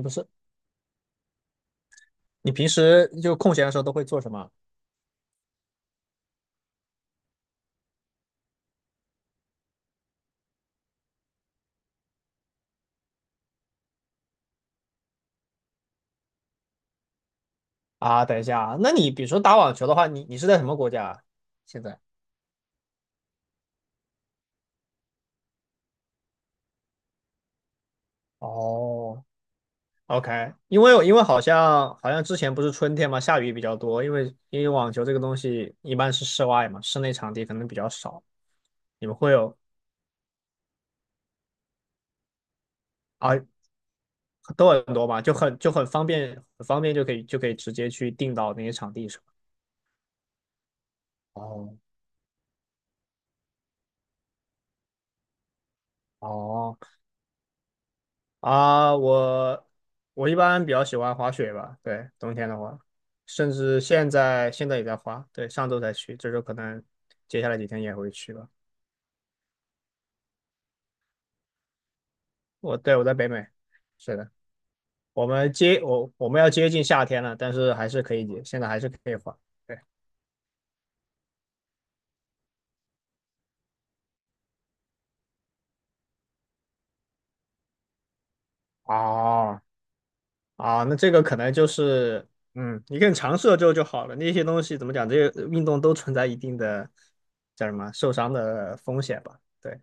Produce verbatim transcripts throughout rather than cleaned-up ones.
你不是，你平时就空闲的时候都会做什么啊？等一下啊，那你比如说打网球的话，你你是在什么国家啊现在？哦，OK，因为因为好像好像之前不是春天嘛，下雨比较多，因为因为网球这个东西一般是室外嘛，室内场地可能比较少。你们会有啊，都很多嘛，就很就很方便，很方便就可以就可以直接去订到那些场地是吧？哦哦，啊，我我一般比较喜欢滑雪吧。对，冬天的话，甚至现在现在也在滑。对，上周才去，这周可能接下来几天也会去吧。我，对，我在北美，是的。我们接我我们要接近夏天了，但是还是可以接，现在还是可以滑。对。哦，啊，那这个可能就是，嗯，你更尝试了之后就好了。那些东西怎么讲，这些运动都存在一定的叫什么受伤的风险吧。对。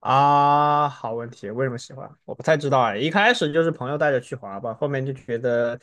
啊，好问题，为什么喜欢？我不太知道哎，一开始就是朋友带着去滑吧，后面就觉得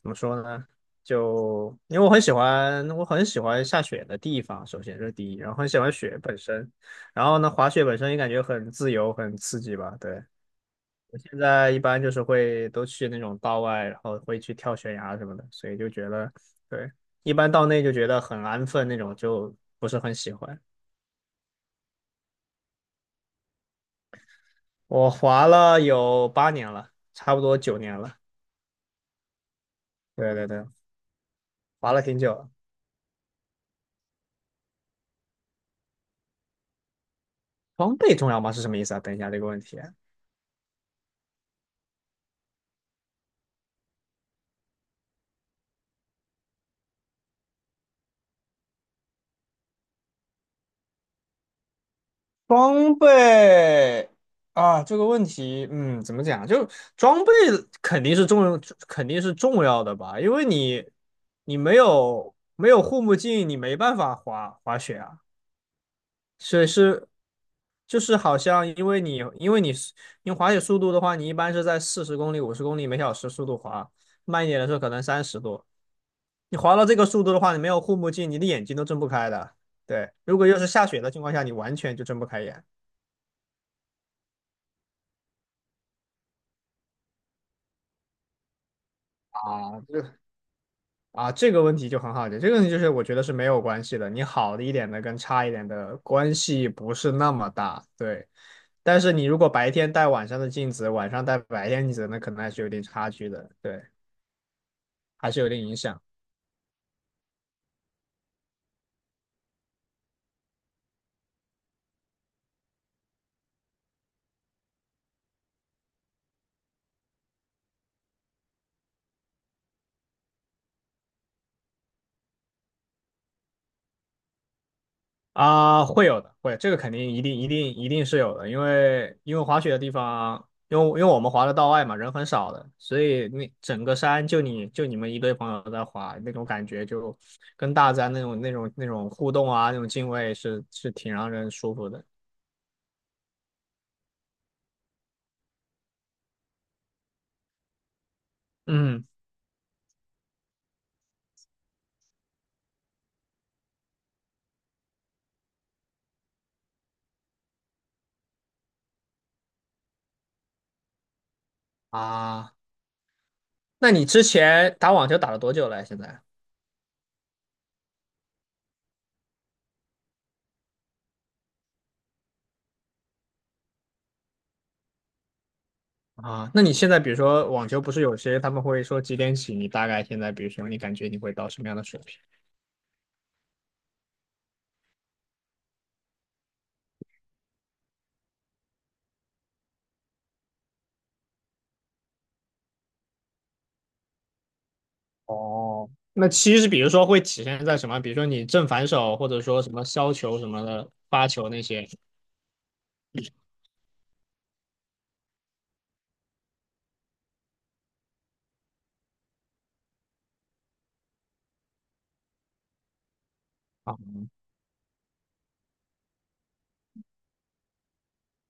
怎么说呢？就因为我很喜欢，我很喜欢下雪的地方，首先这是第一，然后很喜欢雪本身，然后呢，滑雪本身也感觉很自由，很刺激吧。对，我现在一般就是会都去那种道外，然后会去跳悬崖什么的，所以就觉得，对，一般道内就觉得很安分那种，就不是很喜欢。我滑了有八年了，差不多九年了。对对对，滑了挺久了。装备重要吗？是什么意思啊？等一下这个问题。装备啊，这个问题，嗯，怎么讲？就装备肯定是重，肯定是重要的吧，因为你你没有没有护目镜，你没办法滑滑雪啊。所以是，就是好像，因为你因为你是因为滑雪速度的话，你一般是在四十公里、五十公里每小时速度滑，慢一点的时候可能三十多。你滑到这个速度的话，你没有护目镜，你的眼睛都睁不开的。对，如果又是下雪的情况下，你完全就睁不开眼。啊，这啊，这个问题就很好解，这个问题就是我觉得是没有关系的，你好的一点的跟差一点的关系不是那么大。对，但是你如果白天戴晚上的镜子，晚上戴白天镜子，那可能还是有点差距的。对，还是有点影响。啊，会有的，会，这个肯定一定一定一定是有的，因为因为滑雪的地方，因为因为我们滑的道外嘛，人很少的，所以那整个山就你就你们一堆朋友在滑，那种感觉就跟大自然那种那种那种互动啊，那种敬畏是是挺让人舒服的。嗯，啊，那你之前打网球打了多久了？现在？啊，那你现在比如说网球不是有些他们会说几点起？你大概现在比如说你感觉你会到什么样的水平？哦，那七是比如说会体现在什么？比如说你正反手，或者说什么削球什么的，发球那些。啊，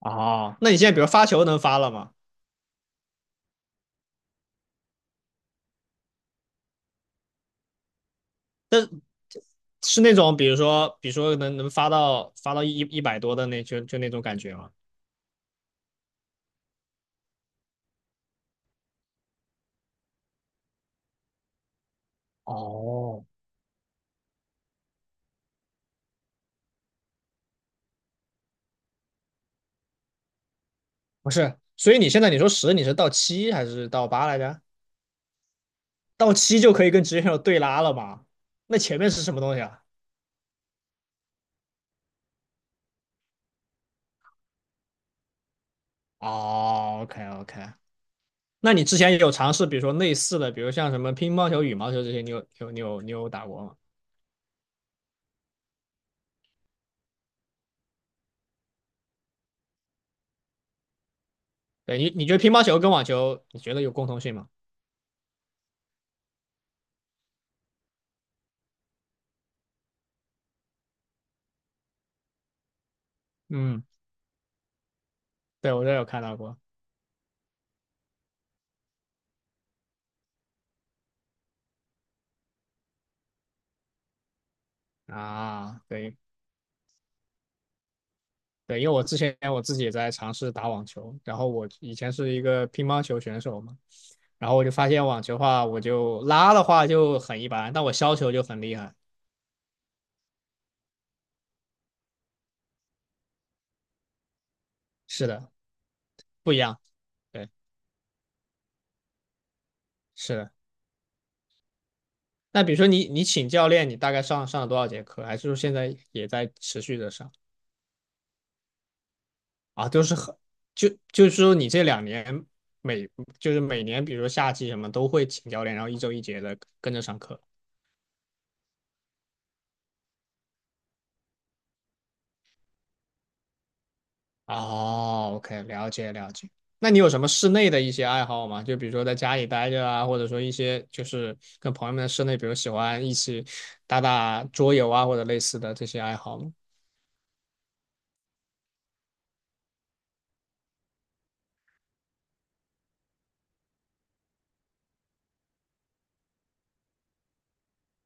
哦，那你现在比如发球能发了吗？是那种比如说，比如说能能发到发到一一百多的，那就就那种感觉吗？哦，不是，所以你现在你说十你是到七还是到八来着？到七就可以跟职业选手对拉了吗？那前面是什么东西啊？哦，OK OK,那你之前也有尝试，比如说类似的，比如像什么乒乓球、羽毛球这些，你有有你有你有打过吗？对，你你觉得乒乓球跟网球，你觉得有共通性吗？嗯，对，我这有看到过啊。对对，因为我之前我自己也在尝试打网球，然后我以前是一个乒乓球选手嘛，然后我就发现网球的话，我就拉的话就很一般，但我削球就很厉害。是的，不一样。对，是的。那比如说你你请教练，你大概上上了多少节课？还是说现在也在持续的上？啊，都是很，就就是说你这两年，每就是每年，比如说夏季什么都会请教练，然后一周一节的跟着上课。哦，OK,了解了解。那你有什么室内的一些爱好吗？就比如说在家里待着啊，或者说一些就是跟朋友们在室内，比如喜欢一起打打桌游啊，或者类似的这些爱好吗？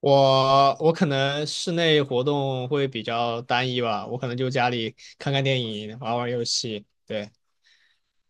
我我可能室内活动会比较单一吧，我可能就家里看看电影，玩玩游戏，对。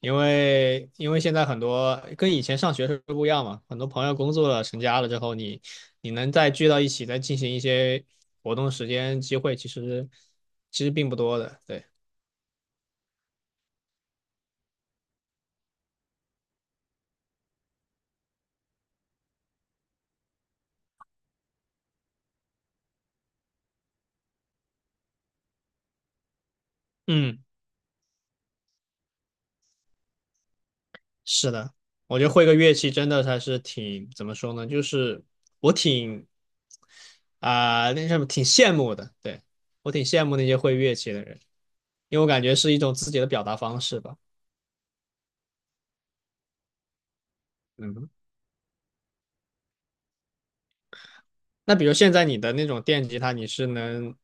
因为因为现在很多跟以前上学是不一样嘛，很多朋友工作了、成家了之后，你你能再聚到一起，再进行一些活动时间机会，其实其实并不多的。对。嗯，是的，我觉得会个乐器真的还是挺，怎么说呢，就是我挺，啊、那什么挺羡慕的，对。我挺羡慕那些会乐器的人，因为我感觉是一种自己的表达方式吧。嗯，那比如现在你的那种电吉他，你是能，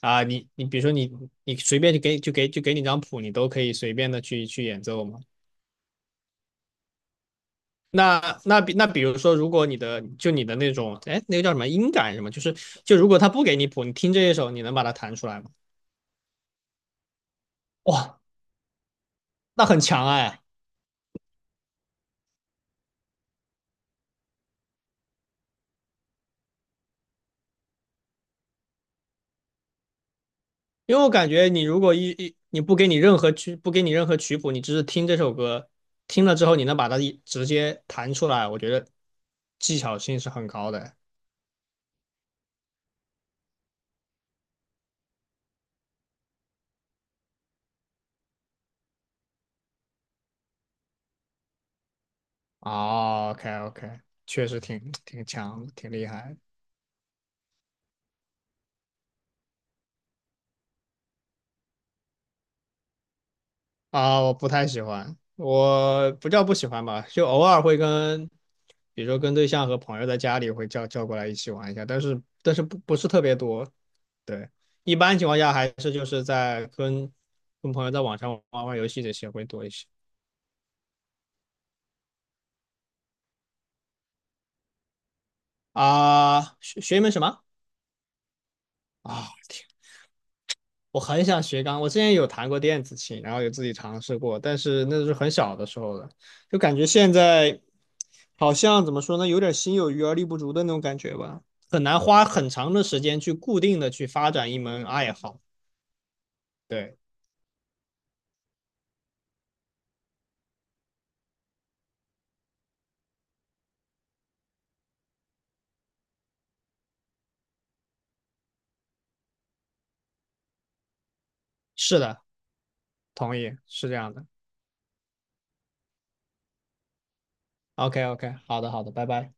啊，你你比如说你，你随便就给就给就给你张谱，你都可以随便的去去演奏吗？那那比那比如说，如果你的，就你的那种哎，那个叫什么音感什么，就是，就如果他不给你谱，你听这一首，你能把它弹出来吗？哇，那很强哎，因为我感觉你如果，一一你不给你任何曲不给你任何曲谱，你只是听这首歌，听了之后你能把它一直接弹出来，我觉得技巧性是很高的哎。哦，OK OK,确实挺挺强，挺厉害。啊！我不太喜欢，我不叫不喜欢吧，就偶尔会跟，比如说跟对象和朋友在家里会叫叫过来一起玩一下，但是但是不不是特别多。对，一般情况下还是就是在跟跟朋友在网上玩玩游戏这些会多一些。啊。学学一门什么？啊？我很想学钢，我之前有弹过电子琴，然后有自己尝试过，但是那是很小的时候了，就感觉现在好像怎么说呢，有点心有余而力不足的那种感觉吧，很难花很长的时间去固定的去发展一门爱好。对，是的，同意，是这样的。OK OK,好的好的，拜拜。